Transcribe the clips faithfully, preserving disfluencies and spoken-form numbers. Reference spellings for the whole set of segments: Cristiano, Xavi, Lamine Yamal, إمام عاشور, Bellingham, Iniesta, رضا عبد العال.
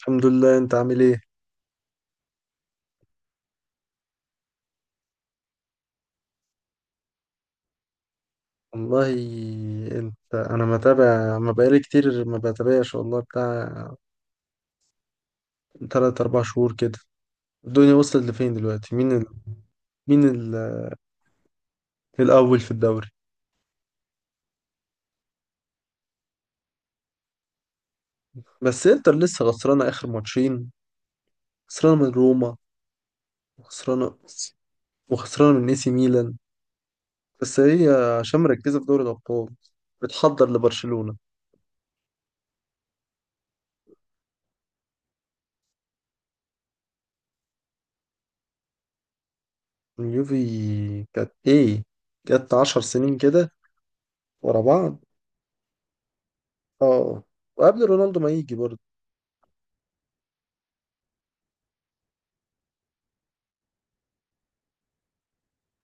الحمد لله. انت عامل ايه؟ والله. انت انا متابع، ما بقالي كتير ما بتابعش والله، بتاع تلات اربعة شهور كده. الدنيا وصلت لفين دلوقتي؟ مين ال... مين ال... الاول في الدوري؟ بس انتر لسه خسرانه اخر ماتشين، خسرانه من روما، وخسرانه، وخسرانه من اي سي ميلان. بس هي عشان مركزه في دوري الابطال بتحضر لبرشلونه. اليوفي كانت ايه؟ جت 10 سنين كده ورا بعض. اه. وقبل رونالدو ما يجي برضه.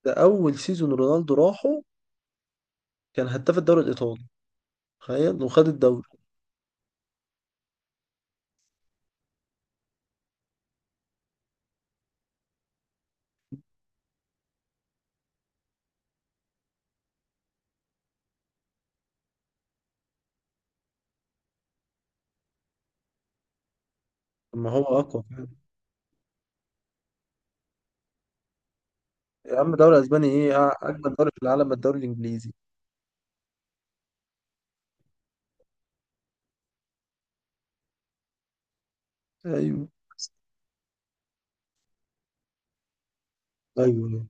ده اول سيزون رونالدو راحه، كان هداف الدوري الايطالي، تخيل وخد الدوري. طب ما هو اقوى فعلا. يا عم، دوري اسباني ايه؟ أع- اجمل دوري في العالم الدوري الانجليزي. ايوه. ايوه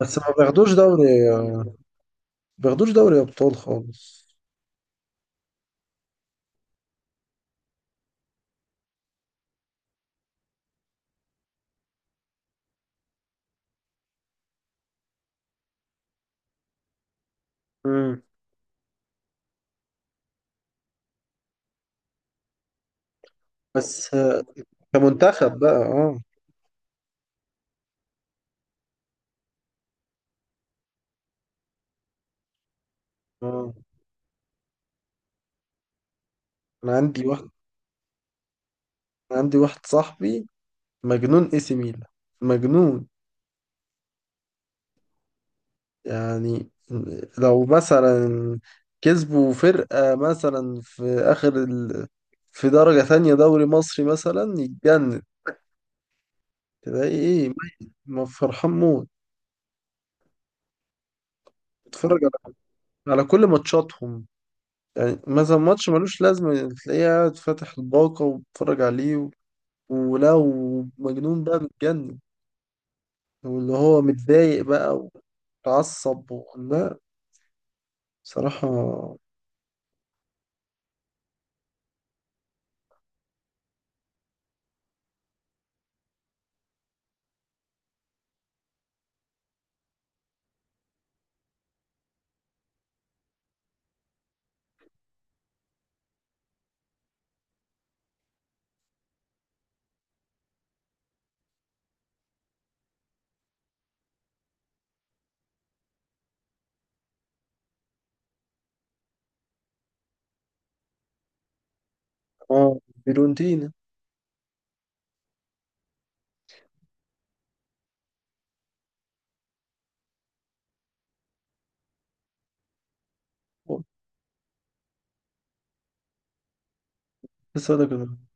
بس ما بياخدوش دوري، ما بياخدوش دوري ابطال خالص. امم. بس آه، كمنتخب بقى، اه. اه. انا عندي واحد أنا عندي واحد صاحبي مجنون اي سي ميلان، مجنون. يعني لو مثلا كسبوا فرقة مثلا في آخر ال... في درجة تانية دوري مصري مثلا يتجنن، تلاقي إيه؟ ما فرحان موت. بتتفرج على على كل ماتشاتهم. يعني مثلا ماتش ملوش لازمة تلاقيه قاعد فاتح الباقة وبتتفرج عليه و... ولو مجنون بقى متجنن، واللي هو متضايق بقى وتعصب و... لا، بصراحة. اه. فيورنتينا. لسه أقول لك أنا-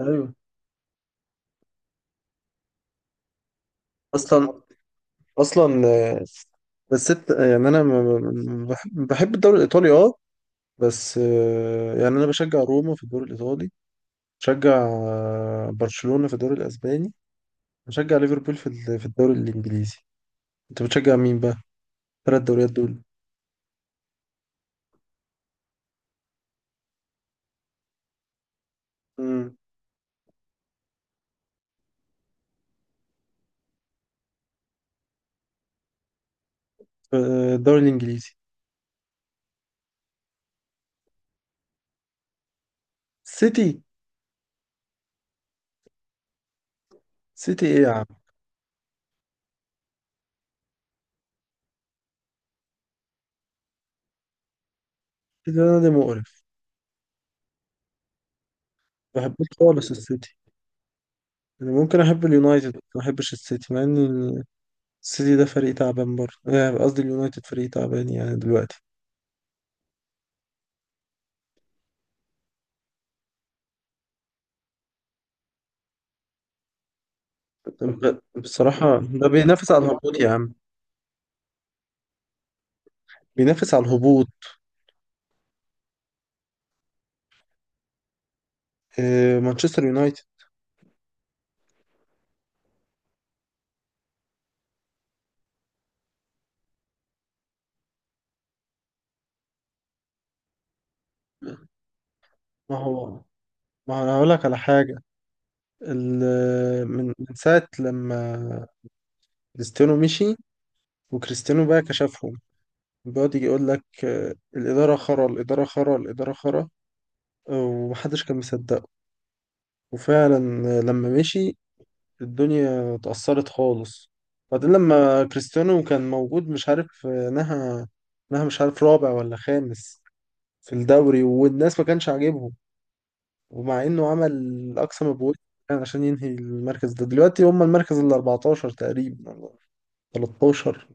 أيوه. أصلا اصلا آه، بس إنت- يعني انا ما- ما- ما- بحب بحب الدوري الايطالي، اه. بس آه، يعني انا بشجع روما في الدوري الايطالي. بشجع آه، برشلونة في الدوري الاسباني. بشجع ليفربول في ال- في الدوري الانجليزي. انت بتشجع مين بقى، الثلاث دوريات دول؟ امم. الدوري الانجليزي. سيتي. سيتي ايه يا عم؟ سيتي ده نادي مقرف، ما بحبوش خالص السيتي. انا ممكن احب اليونايتد ما احبش السيتي، مع ان السيتي ده فريق تعبان برضه، آه، قصدي اليونايتد فريق تعبان يعني دلوقتي. ب- بصراحة ده بينافس على الهبوط يا عم. بينافس على الهبوط. آه، مانشستر يونايتد. ما هو ما هو انا هقول لك على حاجة. ال- من من ساعة لما كريستيانو مشي، وكريستيانو بقى كشفهم. بيقعد يجي يقول لك آه، الإدارة خرا، الإدارة خرا، الإدارة خرا. آه، ومحدش كان مصدقه. وفعلا آه، لما مشي الدنيا اتأثرت خالص. بعدين لما كريستيانو كان موجود مش عارف آه، نهى نهى مش عارف رابع ولا خامس في الدوري، والناس ما كانش عاجبهم. ومع انه عمل اقصى ما بوسع عشان ينهي المركز ده، دلوقتي هم المركز ال اربعة عشر تقريبا ولا تلتاشر.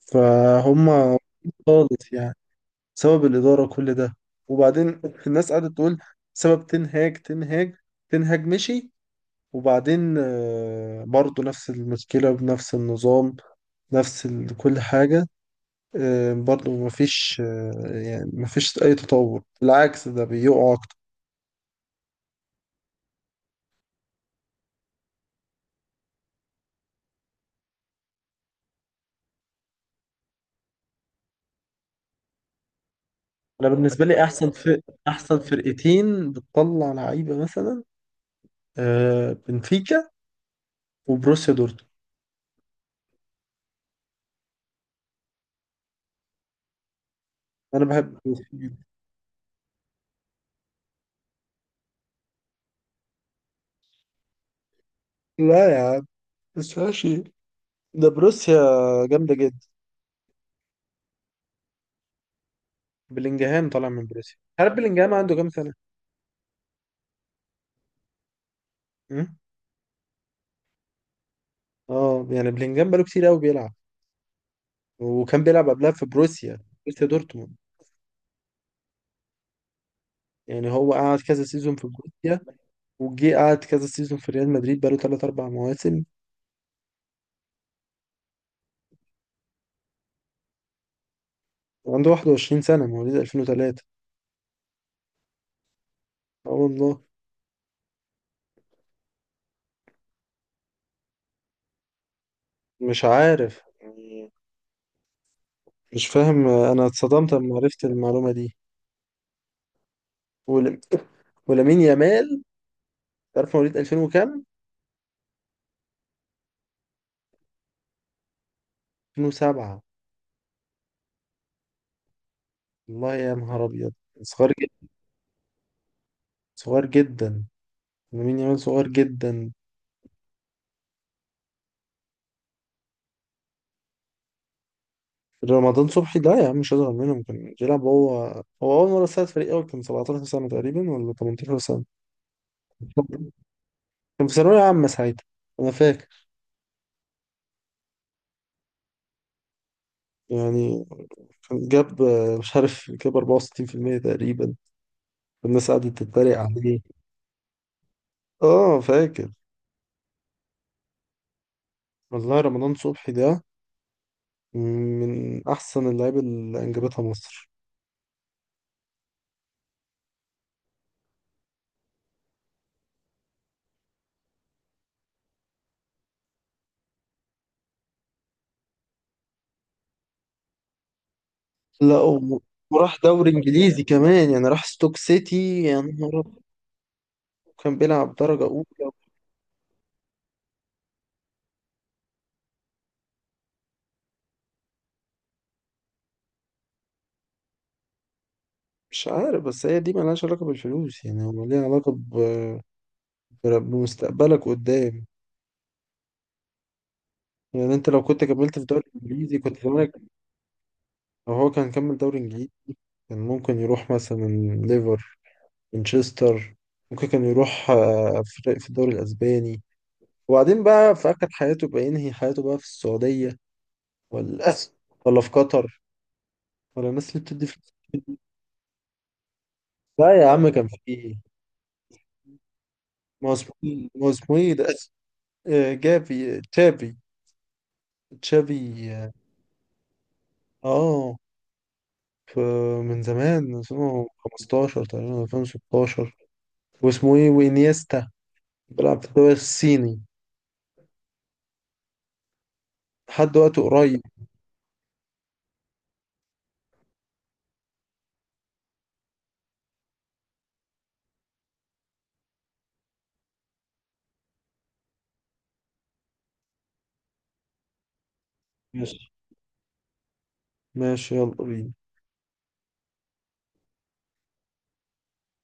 فهم خالص يعني. سبب الإدارة كل ده. وبعدين الناس قاعدة تقول سبب تنهاج تنهاج تنهاج مشي. وبعدين آه، برضه نفس المشكلة بنفس النظام، نفس ال- كل حاجة. آه، برضه مفيش. آه، يعني مفيش أي تطور، بالعكس ده بيقعوا. انا بالنسبه لي احسن في احسن فرقتين بتطلع لعيبه مثلا آه بنفيكا وبروسيا دورتموند. انا بحب بروسيا جدا. لا يا عم، بس ماشي، ده بروسيا جامده جدا. بلينجهام طالع من بروسيا، عارف بلينجهام عنده كام سنه؟ م? اه. يعني بلينجهام بقاله كتير قوي بيلعب، وكان بيلعب قبلها في بروسيا، بروسيا دورتموند. يعني هو قعد كذا سيزون في بروسيا، وجي قعد كذا سيزون في ريال مدريد، بقاله تلاتة اربعة مواسم. وعنده واحد وعشرين سنه، مواليد الفين وثلاثة. اه والله. مش عارف يعني، مش فاهم، انا اتصدمت لما عرفت المعلومه دي. ول- ولامين يامال، عارف مواليد الفين وكام؟ الفين وسبعة. والله يا نهار ابيض. صغير جدا، صغير جدا، لامين يامال صغير جدا. رمضان صبحي لا يا عم مش اصغر منهم، كان بيلعب هو. هو اول مره ساعد فريق اول كان سبعتاشر سنه تقريبا ولا تمنتاشر سنه. كان في ثانويه عامه ساعتها، انا فاكر. يعني كان جاب آه، مش عارف، جاب اربعة وستين في المية تقريبا، الناس قعدت تتريق عليه. اه فاكر. والله رمضان صبحي ده من احسن اللعيبه اللي انجبتها مصر. لا وم- وراح دوري انجليزي كمان، يعني راح ستوك سيتي. يا نهار أبيض، كان بيلعب درجه اولى. مش عارف، بس هي دي ملهاش علاقه بالفلوس، يعني هو ليها علاقه ب- بمستقبلك قدام. يعني انت لو كنت كملت في دوري انجليزي كنت زمانك، لو هو كان كمل دوري انجليزي كان ممكن يروح مثلا ليفر، مانشستر، ممكن كان يروح آه، فرق في الدوري الاسباني، وبعدين بقى في آخر حياته بقى ينهي حياته بقى في السعودية، ولا ولا في قطر، ولا الناس اللي بتدي فلوس. لا يا عم كان في. ما هو اسمه إيه؟ ما هو اسمه ايه ده؟ آه، جافي، تشافي. تشافي اه. آه، ف- من زمان، من الفين وخمستاشر تقريبا، الفين وستاشر. واسمه ايه، وانيستا، بيلعب في الدوري الصيني لحد وقت قريب. ماشي. ماشي يلا بينا.